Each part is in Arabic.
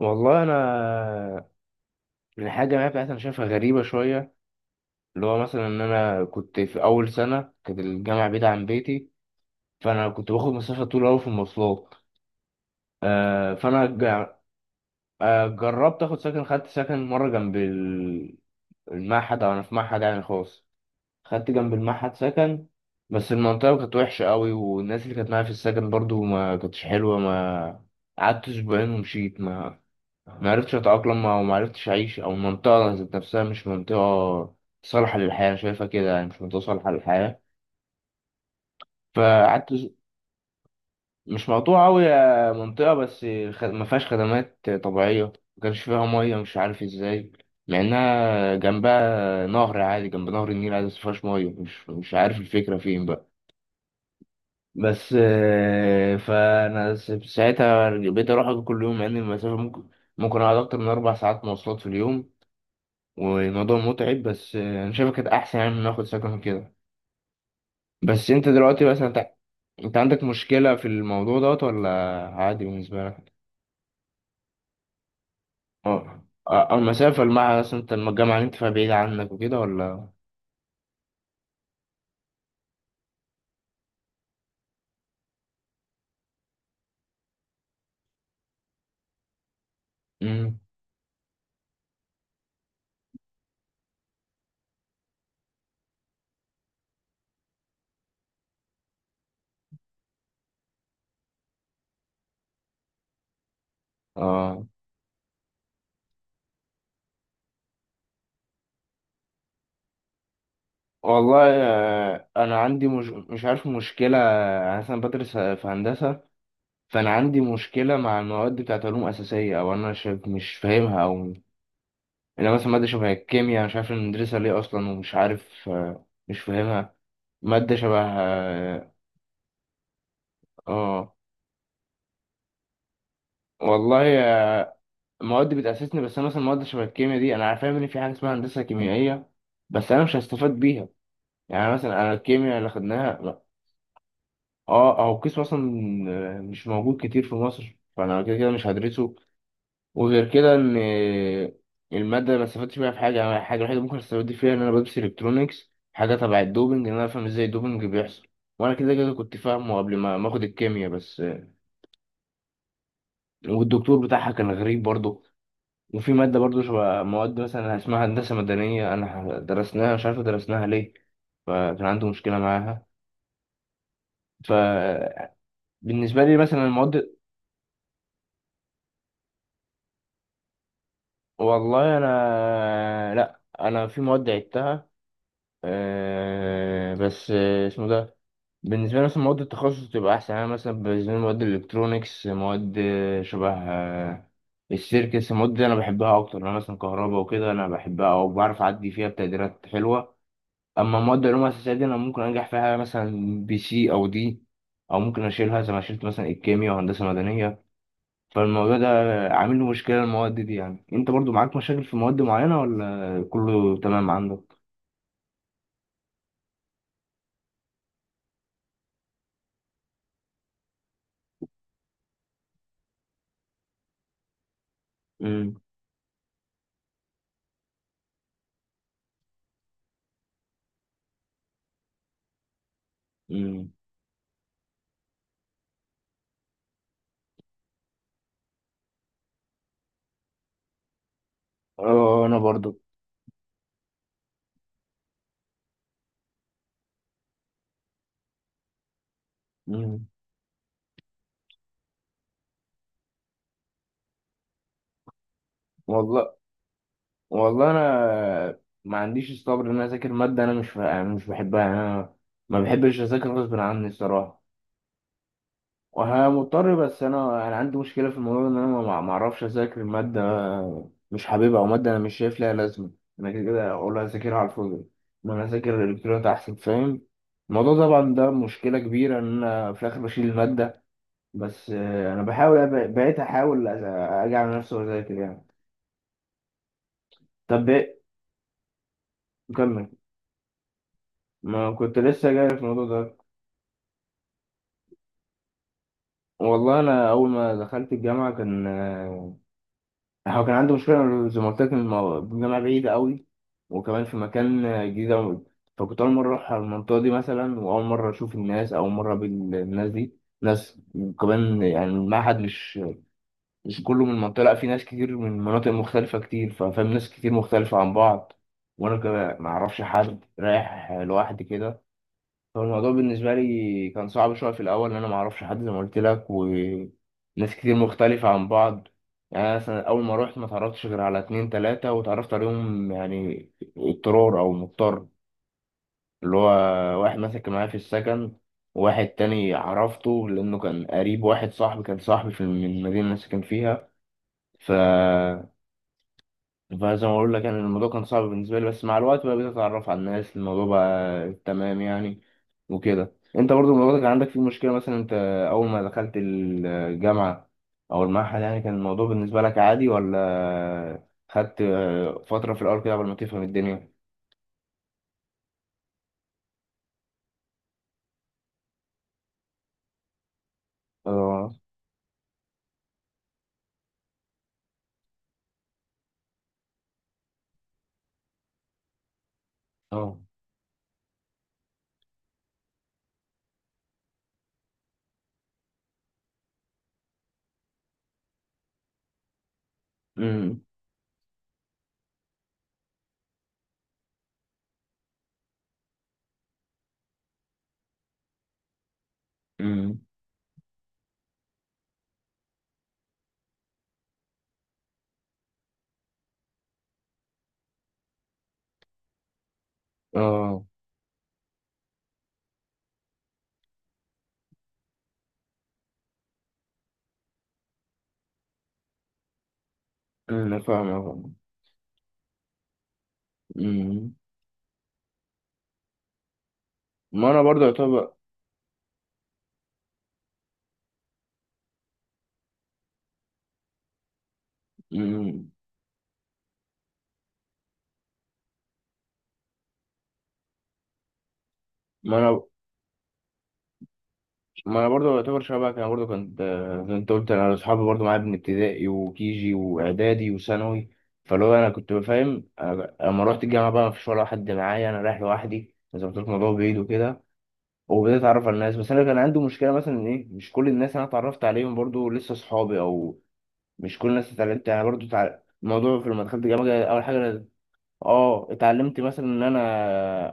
والله الحاجه الجامعيه بتاعتي انا شايفها غريبه شويه. اللي هو مثلا ان انا كنت في اول سنه كانت الجامعه بعيده عن بيتي، فانا كنت باخد مسافه طويله قوي في المواصلات. آه فانا جا- آه جربت اخد سكن، خدت سكن مره جنب المعهد، او انا في معهد يعني خاص، خدت جنب المعهد سكن. بس المنطقة كانت وحشة قوي، والناس اللي كانت معايا في السكن برضو ما كانتش حلوة. ما قعدت أسبوعين ومشيت. ما عرفتش أتأقلم، أو وما عرفتش أعيش، أو المنطقة ذات نفسها مش منطقة صالحة للحياة، أنا شايفها كده يعني مش منطقة صالحة للحياة. فقعدت مش مقطوعة أوي يا منطقة، بس ما فيهاش خدمات طبيعية، ما كانش فيها مية مش عارف إزاي، مع إنها جنبها نهر عادي، جنب نهر النيل عادي، بس ما فيهاش مية، مش عارف الفكرة فين بقى. بس ساعتها بقيت اروح أجي كل يوم، مع ان المسافه ممكن اقعد اكتر من 4 ساعات مواصلات في اليوم، والموضوع متعب، بس انا شايفها كانت احسن يعني من ناخد سكن كده. بس انت دلوقتي مثلا انت عندك مشكله في الموضوع دوت ولا عادي بالنسبه لك؟ اه. المسافه مثلا انت الجامعه اللي انت فيها بعيده عنك وكده ولا؟ امم. اه. والله. انا عندي مش عارف مشكله. انا مثلا بدرس في هندسه، فانا عندي مشكله مع المواد بتاعت علوم اساسيه، او انا شايف مش فاهمها، او انا مثلا ماده شبه الكيمياء أنا مش عارف إن ندرسها ليه اصلا، ومش عارف مش فاهمها. ماده شبه. اه. آه، والله. مواد بتاسسني، بس انا مثلا مواد شبه الكيمياء دي انا فاهم ان في حاجه اسمها هندسه كيميائيه، بس انا مش هستفاد بيها. يعني مثلا انا الكيمياء اللي خدناها، لا، اه، او قسم اصلا مش موجود كتير في مصر، فانا كده كده مش هدرسه. وغير كده ان الماده ما استفدتش بيها في حاجه. أنا الحاجه الوحيده ممكن استفاد فيها ان انا بدرس الكترونكس، حاجه تبع الدوبنج، ان انا افهم ازاي الدوبنج بيحصل، وانا كده كده كنت فاهمه قبل ما اخد الكيمياء بس. والدكتور بتاعها كان غريب برضه. وفي ماده برضه شبه مواد مثلا اسمها هندسه مدنيه، انا درسناها مش عارف درسناها ليه، فكان عنده مشكله معاها. فبالنسبه لي مثلا المواد. والله انا. لا، انا في مواد عدتها. أه، بس اسمه ده. بالنسبة لي مثلا مواد التخصص تبقى أحسن. أنا مثلا بالنسبة لي مواد الإلكترونيكس، مواد شبه السيركس، المواد دي أنا بحبها أكتر. أنا مثلا كهرباء وكده أنا بحبها، أو بعرف أعدي فيها بتقديرات حلوة. أما مواد العلوم الأساسية دي أنا ممكن أنجح فيها مثلا B، C أو D، أو ممكن أشيلها زي ما شلت مثلا الكيمياء وهندسة مدنية. فالموضوع ده عامل لي مشكلة، المواد دي يعني. أنت برضو معاك مشاكل في مواد معينة ولا كله تمام عندك؟ امم. امم. اه. انا برضو. امم. والله. والله انا ما عنديش الصبر ان انا اذاكر ماده، انا مش بحبها، يعني انا ما بحبش اذاكر غصب عني الصراحه. وها مضطر، بس انا عندي مشكله في الموضوع ده، ان انا ما اعرفش اذاكر ماده مش حاببها، او ماده انا مش شايف لها لازمه. انا كده كده اقول اذاكرها على الفاضي، ما انا اذاكر الالكترونيات احسن، فاهم الموضوع طبعا. ده مشكله كبيره ان انا في الاخر بشيل الماده، بس انا بقيت احاول اجي على نفسي واذاكر يعني. طب إيه؟ كمل. ما كنت لسه جاي في الموضوع ده. والله انا اول ما دخلت الجامعه كان. هو كان عندي مشكله زي ما قلت لك إن الجامعه بعيده قوي، وكمان في مكان جديد أوي. فكنت اول مره اروح على المنطقه دي مثلا، واول مره اشوف الناس، اول مره اقابل الناس دي، ناس. وكمان يعني المعهد مش كله من المنطقه، لا في ناس كتير من مناطق مختلفه كتير، ففاهم ناس كتير مختلفه عن بعض. وانا كمان ما اعرفش حد، رايح لوحدي كده. هو الموضوع بالنسبة لي كان صعب شوية في الأول، لأن أنا معرفش حد زي ما قلت لك، وناس كتير مختلفة عن بعض. يعني أنا مثلا أول ما روحت ما اتعرفتش غير على اتنين تلاتة، واتعرفت عليهم يعني اضطرار، أو مضطر، اللي هو واحد مسك معايا في السكن، وواحد تاني عرفته لأنه كان قريب، واحد صاحبي كان صاحبي في من المدينة اللي أنا ساكن فيها. ف فزي ما بقول لك يعني الموضوع كان صعب بالنسبة لي، بس مع الوقت بقى بقيت أتعرف على الناس، الموضوع بقى تمام يعني. وكده أنت برضو الموضوع ده كان عندك فيه مشكلة، مثلا أنت أول ما دخلت الجامعة أو المعهد يعني، كان الموضوع بالنسبة لك عادي ولا خدت فترة في الأول كده قبل ما تفهم الدنيا؟ اه. اه. امم. امم. اه. امم. فاهم. فاهم. امم. ما انا برضه يعتبر. امم. ما انا ما انا برضو يعتبر شبهك، انا برضو كنت زي ما انت قلت، انا اصحابي برضو معايا من ابتدائي وكيجي واعدادي وثانوي، فلو انا كنت بفهم. أنا لما رحت الجامعه بقى ما فيش ولا واحد معايا، انا رايح لوحدي زي ما قلت لك، الموضوع بعيد وكده، وبدأت اتعرف على الناس. بس انا كان عندي مشكله مثلا إن ايه، مش كل الناس انا اتعرفت عليهم برضو لسه اصحابي، او مش كل الناس اتعلمت يعني برضو الموضوع في لما دخلت الجامعه اول حاجه. اه، اتعلمت مثلا ان انا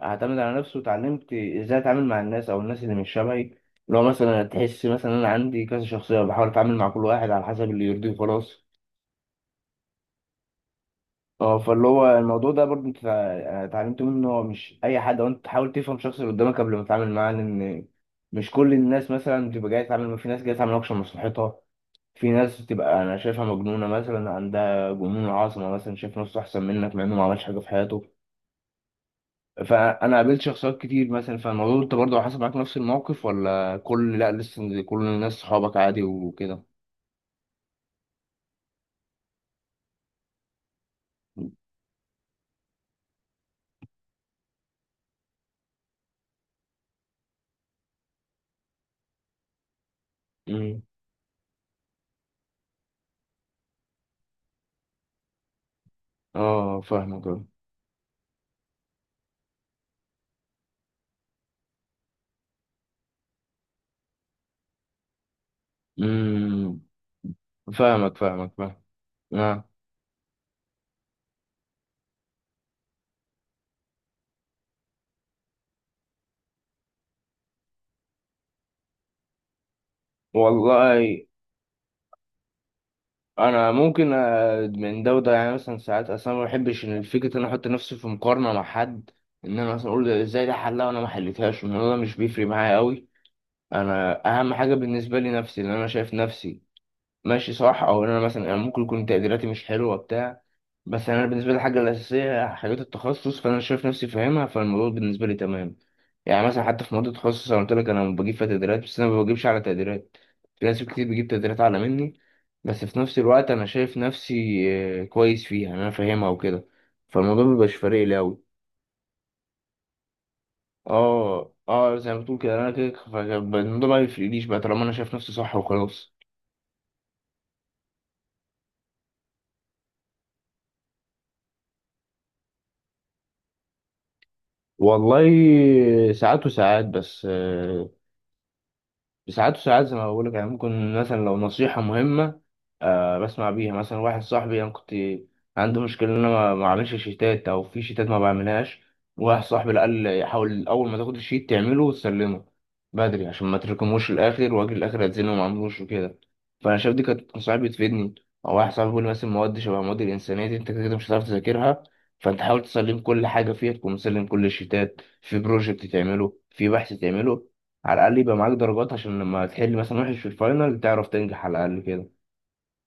اعتمد على نفسي، واتعلمت ازاي اتعامل مع الناس، او الناس اللي مش شبهي. لو مثلا تحس مثلا ان انا عندي كذا شخصيه، بحاول اتعامل مع كل واحد على حسب اللي يرضيه وخلاص. اه، فاللي هو الموضوع ده برضه اتعلمت منه ان هو مش اي حد، وانت تحاول تفهم الشخص اللي قدامك قبل ما تتعامل معاه، لان مش كل الناس مثلا بتبقى جايه تتعامل، في ناس جايه تعمل اكشن مصلحتها، في ناس بتبقى انا شايفها مجنونه مثلا، عندها جنون عظمه مثلا، شايف نفسه احسن منك مع انه ما عملش حاجه في حياته. فانا قابلت شخصيات كتير مثلا. فالموضوع انت برضه حصل معاك نفس الموقف ولا كل، لا، لسه كل الناس صحابك عادي وكده؟ امم. اه. فاهمك. امم. فاهمك، فاهمك، فاهم. آه. والله انا ممكن من ده وده، يعني مثلا ساعات اصلا ما بحبش ان فكره ان انا احط نفسي في مقارنه مع حد، ان انا مثلا اقول ده ازاي ده حلها وانا ما حلتهاش. الموضوع ده مش بيفرق معايا قوي. انا اهم حاجه بالنسبه لي نفسي، ان انا شايف نفسي ماشي صح، او ان انا ممكن يكون تقديراتي مش حلوه بتاع، بس انا بالنسبه لي الحاجه الاساسيه هي حاجات التخصص، فانا شايف نفسي فاهمها، فالموضوع بالنسبه لي تمام. يعني مثلا حتى في مواد التخصص انا قلت لك انا بجيب فيها تقديرات، بس انا ما بجيبش على تقديرات، في ناس كتير بتجيب تقديرات اعلى مني، بس في نفس الوقت انا شايف نفسي كويس فيها، انا فاهمها وكده، فالموضوع مبيبقاش فارق لي قوي. اه، اه، زي ما بتقول كده، انا كده فالموضوع ما يفرقليش بقى طالما انا شايف نفسي صح وخلاص. والله ساعات وساعات، بس ساعات وساعات زي ما بقول لك، يعني ممكن مثلا لو نصيحة مهمة بسمع بيها، مثلا واحد صاحبي. انا كنت عندي مشكلة ان انا ما اعملش شيتات، او في شيتات ما بعملهاش، واحد صاحبي اللي قال لي حاول اول ما تاخد الشيت تعمله وتسلمه بدري، عشان ما تركموش الاخر، واجي الاخر اتزنق وما اعملوش وكده، فانا شايف دي كانت نصايح بتفيدني. او واحد صاحبي بيقول لي مثلا مواد شبه مواد الانسانية دي انت كده كده مش هتعرف تذاكرها، فانت حاول تسلم كل حاجة فيها، تكون مسلم كل الشيتات، في بروجكت تعمله، في بحث تعمله، على الأقل يبقى معاك درجات، عشان لما تحل مثلا وحش في الفاينل تعرف تنجح على الأقل كده،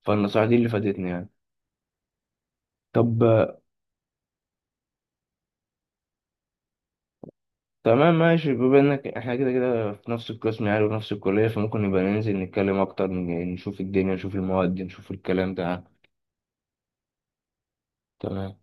فالنصائح دي اللي فادتني يعني. طب تمام ماشي. بما إنك إحنا كده كده في نفس القسم يعني، وفي نفس الكلية، فممكن نبقى ننزل نتكلم أكتر، نشوف الدنيا نشوف المواد نشوف الكلام ده. تمام.